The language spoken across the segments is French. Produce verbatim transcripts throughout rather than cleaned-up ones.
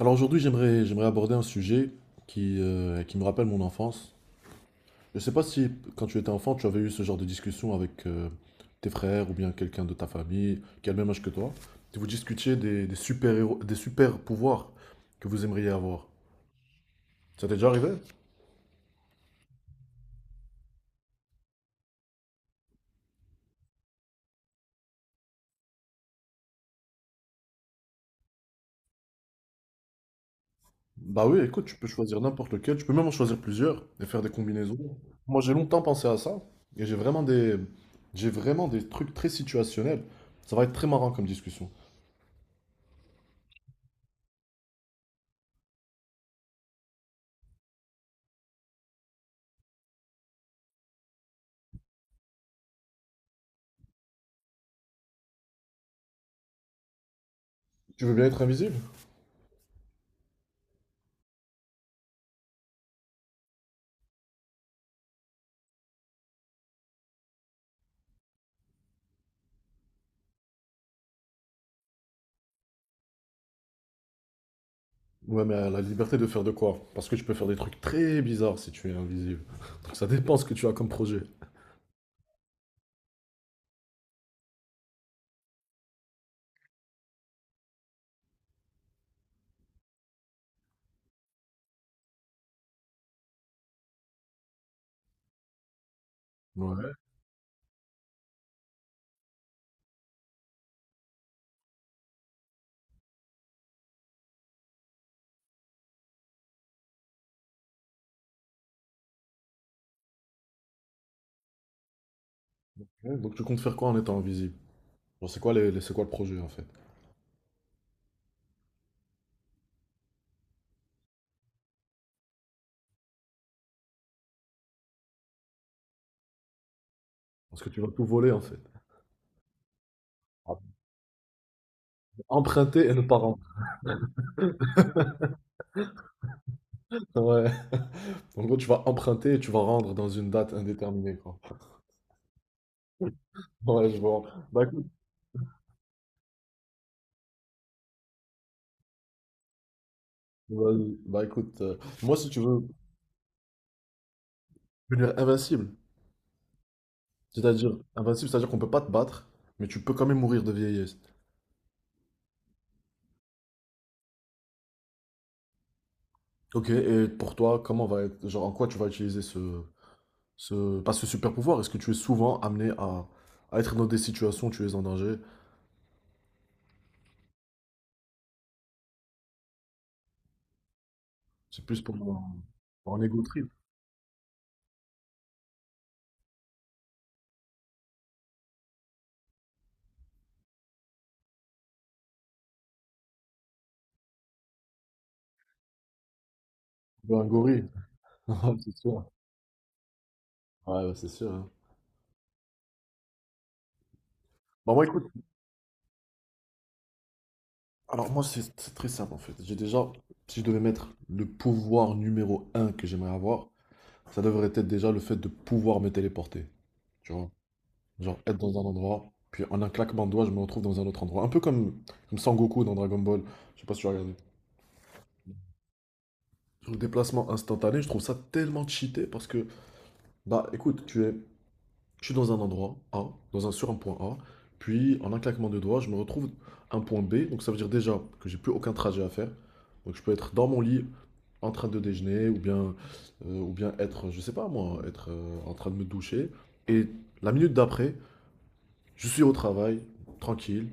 Alors aujourd'hui, j'aimerais j'aimerais aborder un sujet qui, euh, qui me rappelle mon enfance. Je ne sais pas si quand tu étais enfant, tu avais eu ce genre de discussion avec euh, tes frères ou bien quelqu'un de ta famille qui a le même âge que toi. Et Vous discutiez des, des super-héros, des super-pouvoirs que vous aimeriez avoir. Ça t'est déjà arrivé? Bah oui, écoute, tu peux choisir n'importe lequel, tu peux même en choisir plusieurs et faire des combinaisons. Moi, j'ai longtemps pensé à ça et j'ai vraiment des, j'ai vraiment des trucs très situationnels. Ça va être très marrant comme discussion. Tu veux bien être invisible? Ouais, mais euh, la liberté de faire de quoi? Parce que tu peux faire des trucs très bizarres si tu es invisible. Donc ça dépend ce que tu as comme projet. Ouais. Ouais, Donc tu comptes faire quoi en étant invisible? Genre, c'est quoi les, les- c'est quoi le projet en fait? Parce que tu vas tout voler en fait. Emprunter et ne pas rendre. Ouais. En gros, tu vas emprunter et tu vas rendre dans une date indéterminée, quoi. Ouais, je vois. Bah écoute, vas-y. Bah écoute, euh, moi si tu veux devenir invincible, c'est-à-dire invincible, c'est-à-dire qu'on peut pas te battre, mais tu peux quand même mourir de vieillesse. Ok, et pour toi, comment va être, genre en quoi tu vas utiliser ce, ce, pas ce super pouvoir? Est-ce que tu es souvent amené à, à être dans des situations où tu es en danger? C'est plus pour un, pour un ego trip, pour un gorille. Ouais, C'est sûr. Ouais, ouais, c'est sûr, hein. Bah, moi, écoute, alors moi, c'est c'est très simple en fait. J'ai déjà, si je devais mettre le pouvoir numéro un que j'aimerais avoir, ça devrait être déjà le fait de pouvoir me téléporter. Tu vois? Genre être dans un endroit, puis en un claquement de doigts, je me retrouve dans un autre endroit. Un peu comme, comme Sangoku dans Dragon Ball. Je sais pas si tu as regardé. Sur le déplacement instantané, je trouve ça tellement cheaté parce que Bah écoute, tu es, je suis dans un endroit A, dans un, sur un point A, puis en un claquement de doigts, je me retrouve à un point B, donc ça veut dire déjà que j'ai plus aucun trajet à faire. Donc je peux être dans mon lit en train de déjeuner, ou bien, euh, ou bien être, je sais pas moi, être euh, en train de me doucher. Et la minute d'après, je suis au travail, tranquille,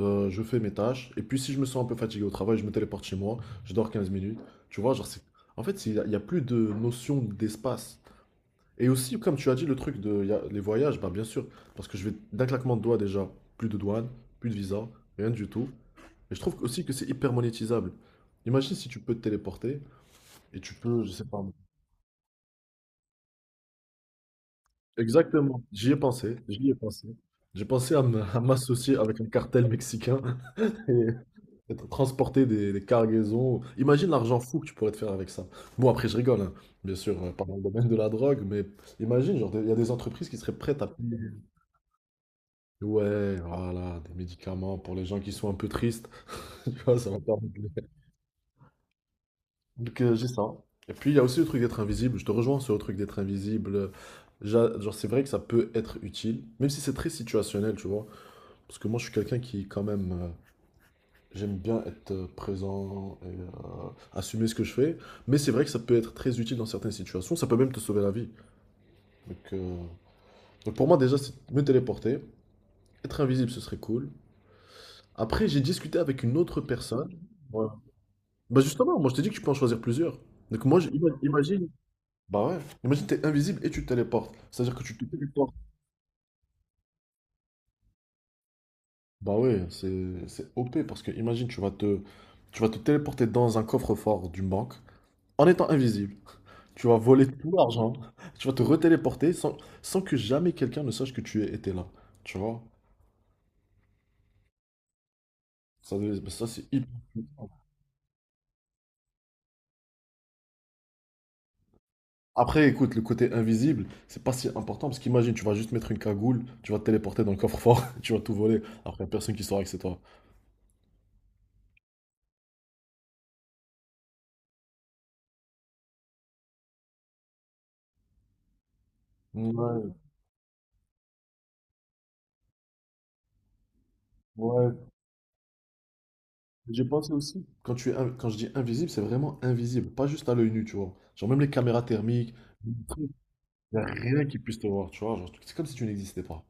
euh, je fais mes tâches, et puis si je me sens un peu fatigué au travail, je me téléporte chez moi, je dors quinze minutes. Tu vois, genre c'est... En fait, c'est- il n'y a il y a plus de notion d'espace. Et aussi, comme tu as dit, le truc de y a- les voyages, bah bien sûr, parce que je vais d'un claquement de doigts déjà, plus de douane, plus de visa, rien du tout. Et je trouve aussi que c'est hyper monétisable. Imagine si tu peux te téléporter et tu peux, je sais pas. Exactement, j'y ai pensé, j'y ai pensé. J'ai pensé à me- à m'associer avec un cartel mexicain et être transporter des, des cargaisons. Imagine l'argent fou que tu pourrais te faire avec ça. Bon, après, je rigole, hein. Bien sûr, euh, pas dans le domaine de la drogue, mais imagine, genre, il y a des entreprises qui seraient prêtes à payer. Ouais, voilà, des médicaments pour les gens qui sont un peu tristes. Tu vois, ça va pas régler. Donc, euh, j'ai ça. Et puis, il y a aussi le truc d'être invisible. Je te rejoins sur le truc d'être invisible. J'a- Genre, c'est vrai que ça peut être utile, même si c'est très situationnel, tu vois. Parce que moi, je suis quelqu'un qui, quand même, euh, j'aime bien être euh, présent et euh, assumer ce que je fais. Mais c'est vrai que ça peut être très utile dans certaines situations. Ça peut même te sauver la vie. Donc, euh, donc pour moi, déjà, c'est me téléporter. Être invisible, ce serait cool. Après, j'ai discuté avec une autre personne. Ouais. Bah justement, moi je t'ai dit que tu peux en choisir plusieurs. Donc moi, je- ima- imagine. Bah ouais, imagine t'es invisible et tu te téléportes. C'est-à-dire que tu te téléportes. Bah ouais, c'est c'est O P parce que imagine tu vas te tu vas te téléporter dans un coffre-fort d'une banque en étant invisible. Tu vas voler tout l'argent. Tu vas te retéléporter sans sans que jamais quelqu'un ne sache que tu es- étais là. Tu vois? Ça, veut- bah, ça c'est hyper puissant. Après, écoute, le côté invisible, c'est pas si important parce qu'imagine, tu vas juste mettre une cagoule, tu vas te téléporter dans le coffre-fort, tu vas tout voler. Après, y a personne qui saura que c'est toi. Ouais, ouais. J'ai pensé aussi. Quand tu es, in- Quand je dis invisible, c'est vraiment invisible, pas juste à l'œil nu, tu vois. Genre même les caméras thermiques, les trucs, y a rien qui puisse te voir, tu vois. Genre, c'est comme si tu n'existais pas.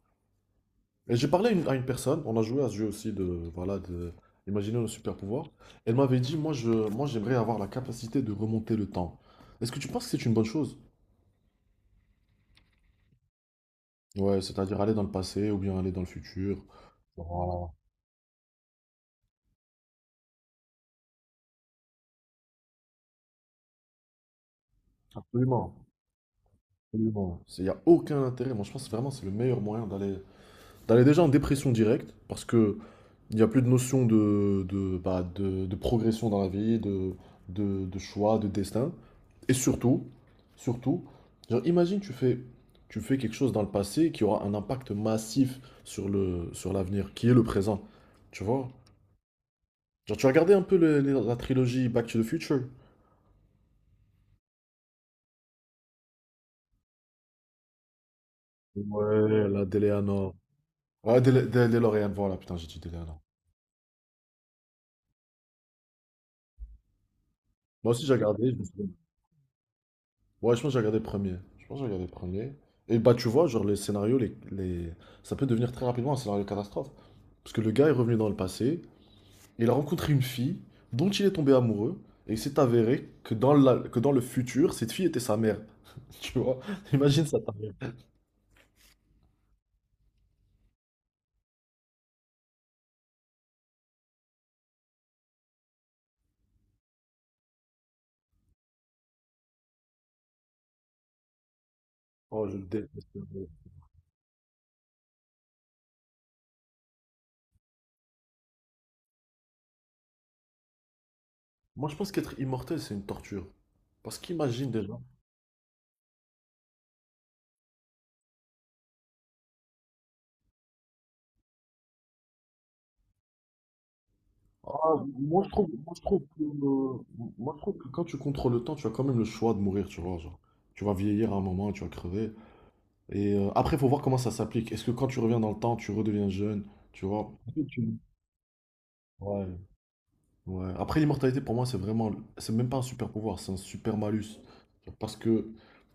Et j'ai parlé à une, à une personne, on a joué à ce jeu aussi de, voilà, de, imaginer nos super pouvoirs. Elle m'avait dit, moi je, moi j'aimerais avoir la capacité de remonter le temps. Est-ce que tu penses que c'est une bonne chose? Ouais, c'est-à-dire aller dans le passé ou bien aller dans le futur. Voilà. Absolument, absolument. Il n'y a aucun intérêt. Moi, je pense vraiment que c'est le meilleur moyen d'aller T'allais déjà en dépression directe, parce que il n'y a plus de notion de, de, bah, de, de progression dans la vie, de, de, de choix, de destin. Et surtout, surtout, genre, imagine tu fais, tu fais quelque chose dans le passé qui aura un impact massif sur le, sur l'avenir, qui est le présent. Tu vois? Genre, tu as regardé un peu le- le- la trilogie Back to the Future? Ouais, la DeLeanor. Ouais, Dele- De- DeLorean, voilà, putain, j'ai dit DeLeanor. Moi aussi, j'ai regardé, je me suis Ouais, je pense que j'ai regardé le premier. Je pense que j'ai regardé le premier. Et bah, tu vois, genre, les scénarios, les, les... Ça peut devenir très rapidement un scénario catastrophe. Parce que le gars est revenu dans le passé, et il a rencontré une fille dont il est tombé amoureux, et il s'est avéré que dans la... que dans le futur, cette fille était sa mère. Tu vois? Imagine ça, ta mère. Oh, je le déteste. Moi, je pense qu'être immortel, c'est une torture. Parce qu'imagine déjà. Ah, moi, je trouve, moi, je trouve que, euh, moi, je trouve que quand tu contrôles le temps, tu as quand même le choix de mourir, tu vois. Genre, tu vas vieillir à un moment, tu vas crever. Et euh, après, il faut voir comment ça s'applique. Est-ce que quand tu reviens dans le temps, tu redeviens jeune, tu vois? Effectivement. Ouais. Ouais. Après, l'immortalité, pour moi, c'est vraiment... C'est même pas un super pouvoir, c'est un super malus. Parce que,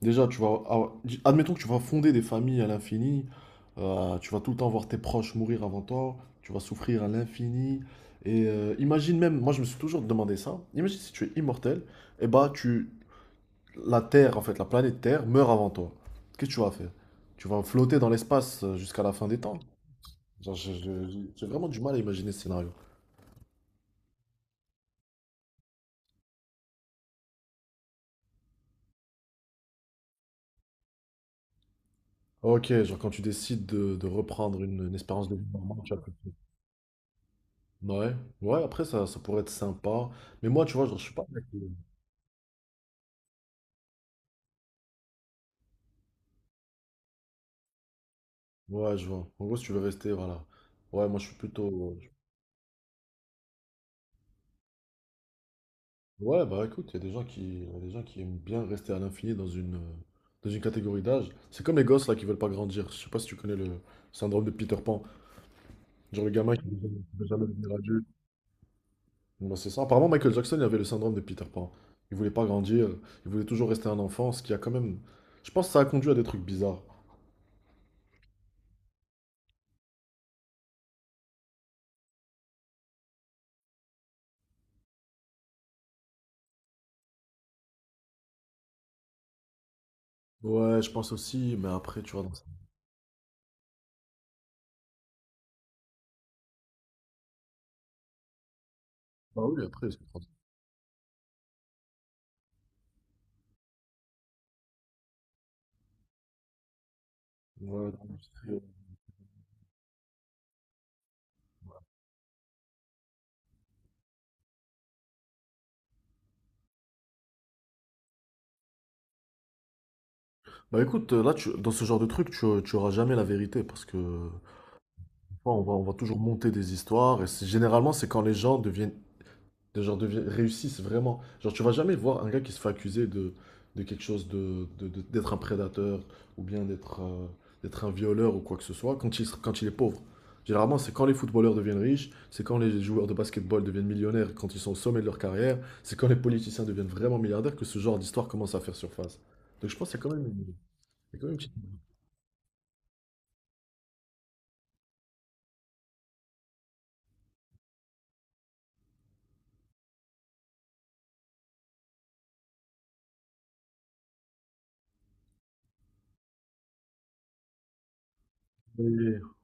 déjà, tu vas... avoir- Admettons que tu vas fonder des familles à l'infini, euh, tu vas tout le temps voir tes proches mourir avant toi, tu vas souffrir à l'infini. Et euh, imagine même, moi je me suis toujours demandé ça, imagine si tu es immortel, et bah tu, la Terre, en fait, la planète Terre meurt avant toi, qu'est-ce que tu vas faire? Tu vas flotter dans l'espace euh, jusqu'à la fin des temps? Genre, je- je- je- j'ai vraiment du mal à imaginer ce scénario. Ok, genre quand tu décides de, de reprendre une, une espérance de vie normale, tu vas flotter. Ouais, ouais, après ça, ça pourrait être sympa. Mais moi, tu vois, genre, je suis pas. avec le- Ouais, je vois. En gros, si tu veux rester, voilà. Ouais, moi, je suis plutôt. euh, Ouais, bah écoute, il y a des gens qui, il y a des gens qui aiment bien rester à l'infini dans une, euh, dans une catégorie d'âge. C'est comme les gosses là qui veulent pas grandir. Je sais pas si tu connais le syndrome de Peter Pan. Genre le gamin qui ne veut jamais devenir adulte. bah c'est ça. Apparemment, Michael Jackson il avait le syndrome de Peter Pan. Il voulait pas grandir, il voulait toujours rester un enfant, ce qui a quand même... Je pense que ça a conduit à des trucs bizarres. Ouais, je pense aussi, mais après, tu vois, dans... Bah oui, après, c'est... Ouais, dans l'industrie. Bah écoute, euh, là, tu- dans ce genre de truc, tu, tu auras jamais la vérité, parce que... tu vois, On va, on va toujours monter des histoires, et c'est- généralement, c'est quand les gens deviennent Des gens devient- réussissent vraiment. Genre, tu vas jamais voir un gars qui se fait accuser de, de quelque chose, de, de- de- d'être un prédateur ou bien d'être, euh, d'être un violeur ou quoi que ce soit quand il, quand il est pauvre. Généralement, c'est quand les footballeurs deviennent riches, c'est quand les joueurs de basketball deviennent millionnaires, quand ils sont au sommet de leur carrière, c'est quand les politiciens deviennent vraiment milliardaires que ce genre d'histoire commence à faire surface. Donc je pense qu'il y quand même, une- quand même une petite...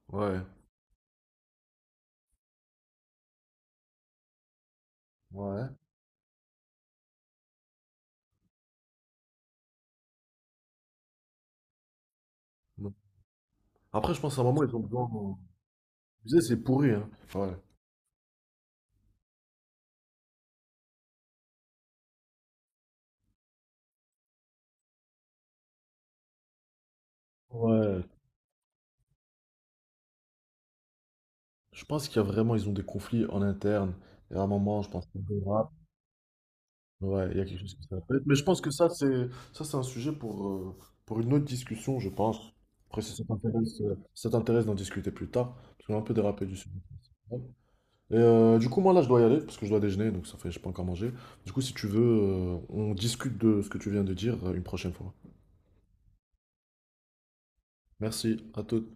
Ouais, ouais. ouais. Après, je pense à un moment, ils ont besoin... Tu sais, c'est pourri, hein. Ouais. Ouais, Je pense qu'il y a vraiment, ils ont des conflits en interne. Et à un moment, je pense que ouais, il y a quelque chose qui s'appelle. Mais je pense que ça, c'est ça, c'est un sujet pour, euh, pour une autre discussion, je pense. Après, si ça t'intéresse, euh, si ça t'intéresse d'en discuter plus tard, parce qu'on a un peu dérapé du sujet. principal. Et euh, du coup, moi là, je dois y aller parce que je dois déjeuner, donc ça fait, je pas encore mangé. Du coup, si tu veux, euh, on discute de ce que tu viens de dire euh, une prochaine fois. Merci, à toutes.